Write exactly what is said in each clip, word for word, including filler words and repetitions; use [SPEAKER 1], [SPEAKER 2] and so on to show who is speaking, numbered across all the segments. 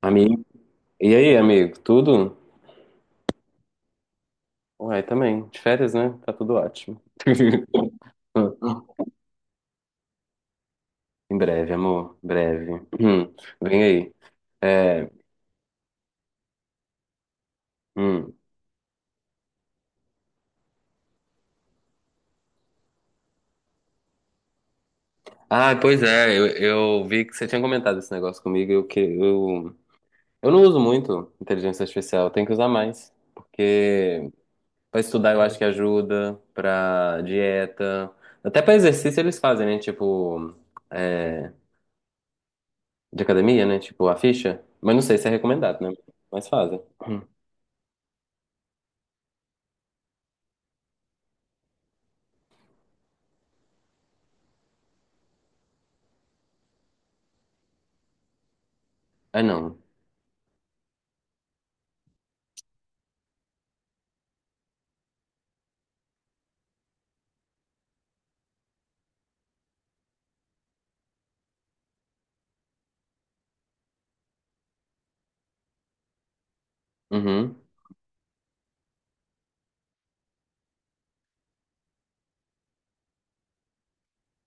[SPEAKER 1] Amigo. E aí, amigo? Tudo? Uai, também. De férias, né? Tá tudo ótimo. Em breve, amor. Em breve. Hum, Vem aí. É, hum. Ah, pois é. Eu, eu vi que você tinha comentado esse negócio comigo. Eu, que, eu, eu não uso muito inteligência artificial. Eu tenho que usar mais. Porque pra estudar eu acho que ajuda. Pra dieta. Até pra exercício eles fazem, né? Tipo... é, de academia, né? Tipo, a ficha. Mas não sei se é recomendado, né? Mas fazem. É não. Uhum.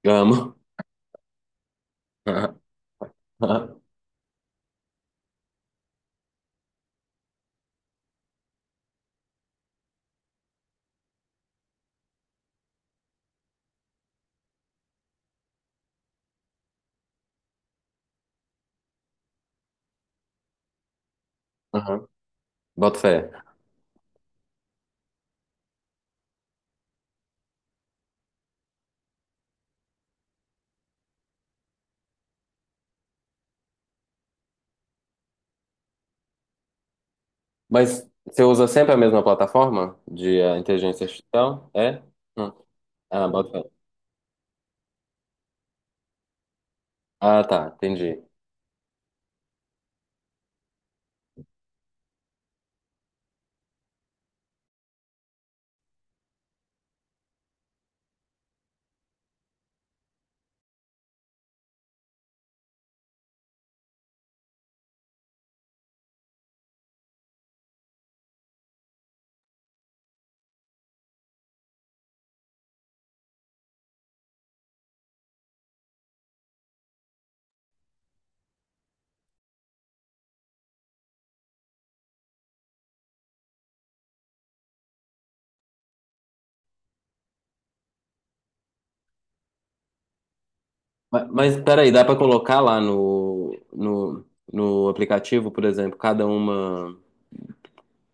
[SPEAKER 1] Eu amo. Uhum. Boto fé. Mas você usa sempre a mesma plataforma de ah, inteligência artificial? É? Hum. Ah, boto fé. Ah, tá. Entendi. Mas, mas peraí, dá pra colocar lá no, no, no aplicativo, por exemplo, cada uma.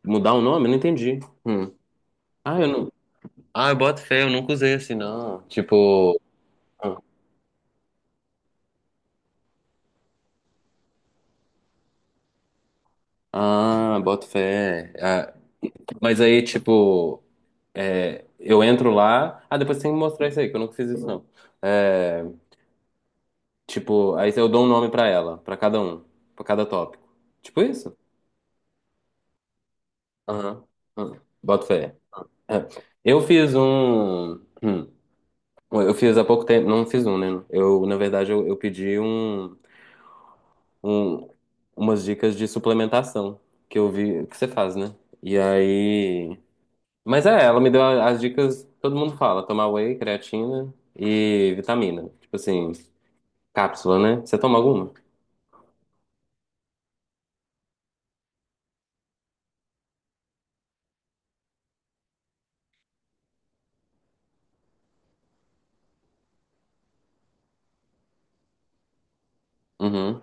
[SPEAKER 1] Mudar o nome? Eu não entendi. Hum. Ah, eu não. Ah, eu boto fé, eu nunca usei assim, não. Tipo. Hum. Ah, boto fé. Ah, mas aí, tipo, é, eu entro lá. Ah, depois tem que mostrar isso aí, que eu nunca fiz isso, não. É, tipo, aí eu dou um nome pra ela, pra cada um, pra cada tópico. Tipo isso? Aham. Aham. Boto fé. É. Eu fiz um. hum, eu fiz há pouco tempo. Não fiz um, né? Eu, na verdade, eu, eu pedi um, um, umas dicas de suplementação que eu vi que você faz, né? E aí. Mas é, ela me deu a- as dicas, todo mundo fala, tomar whey, creatina e vitamina. Né? Tipo assim, cápsula, né? Você toma alguma? Uhum.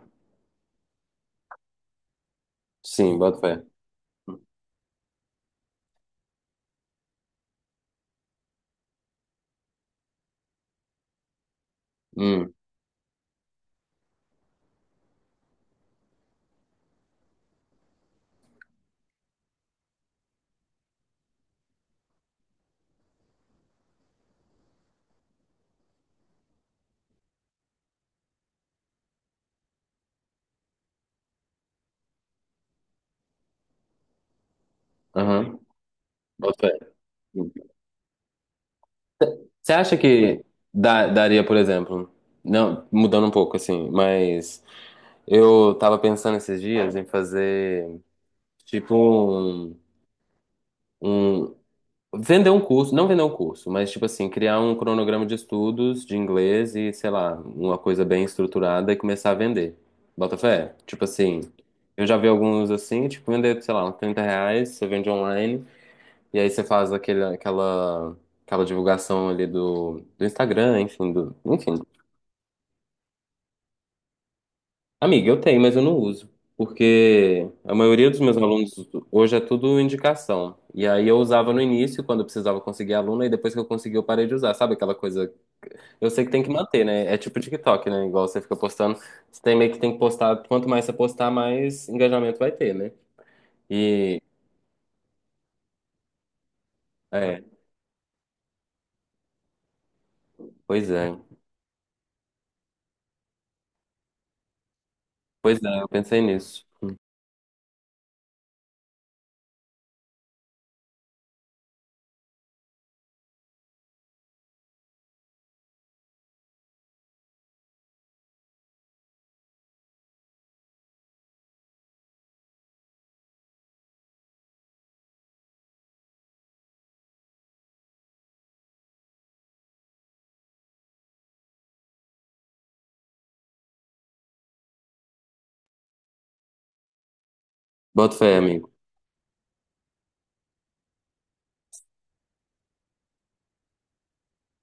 [SPEAKER 1] Sim, boto fé. Hum, aham, boto fé. Hum. Você acha que dá- daria, por exemplo, não, mudando um pouco assim, mas eu tava pensando esses dias em fazer tipo um, um, vender um curso, não vender um curso, mas tipo assim, criar um cronograma de estudos de inglês e, sei lá, uma coisa bem estruturada e começar a vender. Bota fé? Tipo assim, eu já vi alguns assim, tipo, vender, sei lá, uns trinta reais, você vende online, e aí você faz aquele, aquela, aquela divulgação ali do, do Instagram, enfim, do, enfim. Amiga, eu tenho, mas eu não uso. Porque a maioria dos meus alunos hoje é tudo indicação. E aí eu usava no início, quando eu precisava conseguir aluno, e depois que eu consegui, eu parei de usar. Sabe aquela coisa. Eu sei que tem que manter, né? É tipo TikTok, né? Igual você fica postando, você tem meio que tem que postar, quanto mais você postar, mais engajamento vai ter, né? E é, pois é. Pois é, eu pensei nisso. Bota fé, amigo.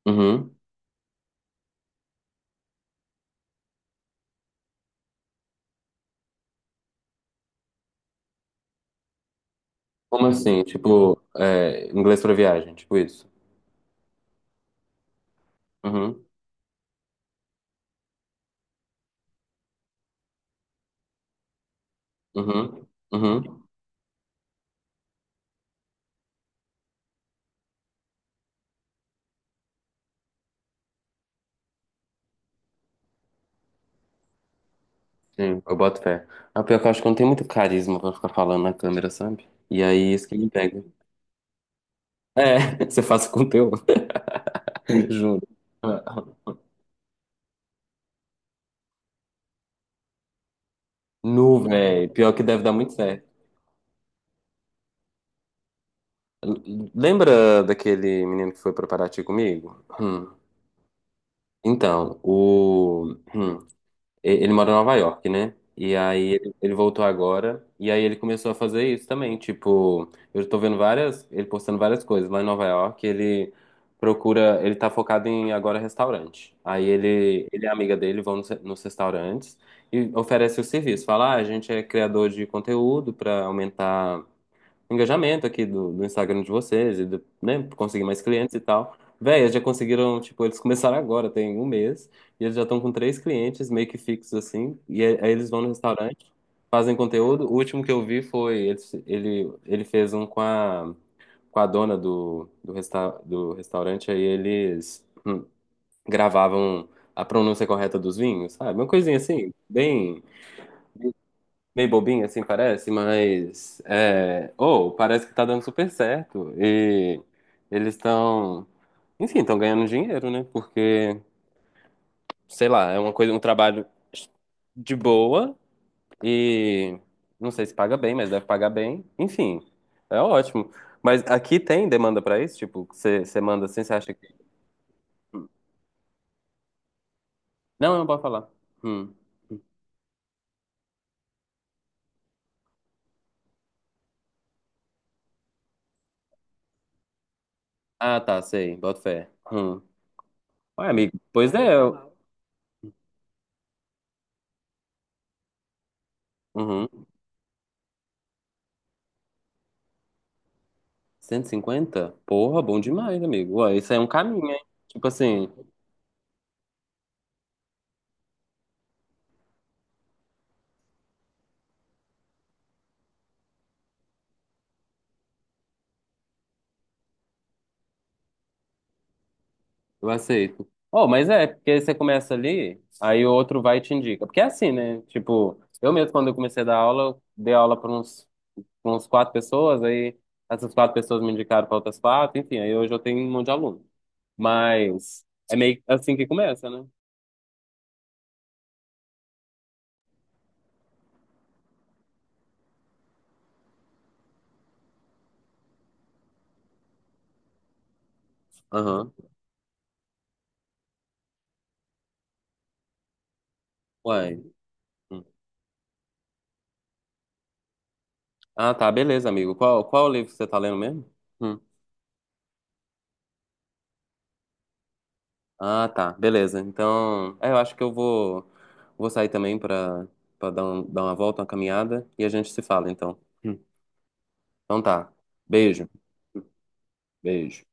[SPEAKER 1] Uhum. Como assim? Tipo, é, inglês pra viagem, tipo isso. Uhum. Uhum. Uhum. Sim, eu boto fé. A pior que eu acho que eu não tem muito carisma pra ficar falando na câmera, sabe? E aí isso que me pega. É, você faz o conteúdo. Juro. Nu, velho. Pior que deve dar muito certo. Lembra daquele menino que foi pra Paraty comigo? Hum. Então, o. hum, e- Ele mora em Nova York, né? E aí ele, ele voltou agora. E aí ele começou a fazer isso também. Tipo, eu tô vendo várias. Ele postando várias coisas lá em Nova York. Ele procura. Ele tá focado em agora restaurante. Aí ele, ele e a amiga dele vão nos, nos restaurantes e oferece o serviço. Fala, ah, a gente é criador de conteúdo pra aumentar engajamento aqui do, do Instagram de vocês e do, né, conseguir mais clientes e tal. Véi, eles já conseguiram, tipo, eles começaram agora, tem um mês, e eles já estão com três clientes meio que fixos assim, e aí aí eles vão no restaurante, fazem conteúdo. O último que eu vi foi, ele, ele, ele fez um com a, com a dona do, do, resta, do restaurante, aí eles hum, gravavam a pronúncia correta dos vinhos, sabe? Uma coisinha assim, bem meio bobinha, assim parece, mas é, oh, parece que tá dando super certo. E eles estão, enfim, estão ganhando dinheiro, né? Porque, sei lá, é uma coisa, um trabalho de boa e não sei se paga bem, mas deve pagar bem. Enfim, é ótimo. Mas aqui tem demanda pra isso? Tipo, você você manda assim, você acha que. Não, não pode falar. Hum. Ah, tá, sei, boto fé. Hum. Ué, amigo, pois é. Eu- Uhum. Cento e cinquenta, porra, bom demais, amigo. Ué, isso aí é um caminho, hein? Tipo assim, eu aceito. Oh, mas é, porque aí você começa ali, aí o outro vai e te indica. Porque é assim, né? Tipo, eu mesmo, quando eu comecei a dar aula, eu dei aula para uns, pra uns quatro pessoas, aí essas quatro pessoas me indicaram para outras quatro, enfim, aí hoje eu tenho um monte de aluno. Mas é meio assim que começa, né? Aham. Uai. Hum. Ah, tá, beleza, amigo. Qual, qual o livro que você tá lendo mesmo? Hum. Ah, tá, beleza. Então, é, eu acho que eu vou, vou sair também pra para dar, um, dar uma volta, uma caminhada e a gente se fala, então. Hum. Então tá. Beijo, beijo.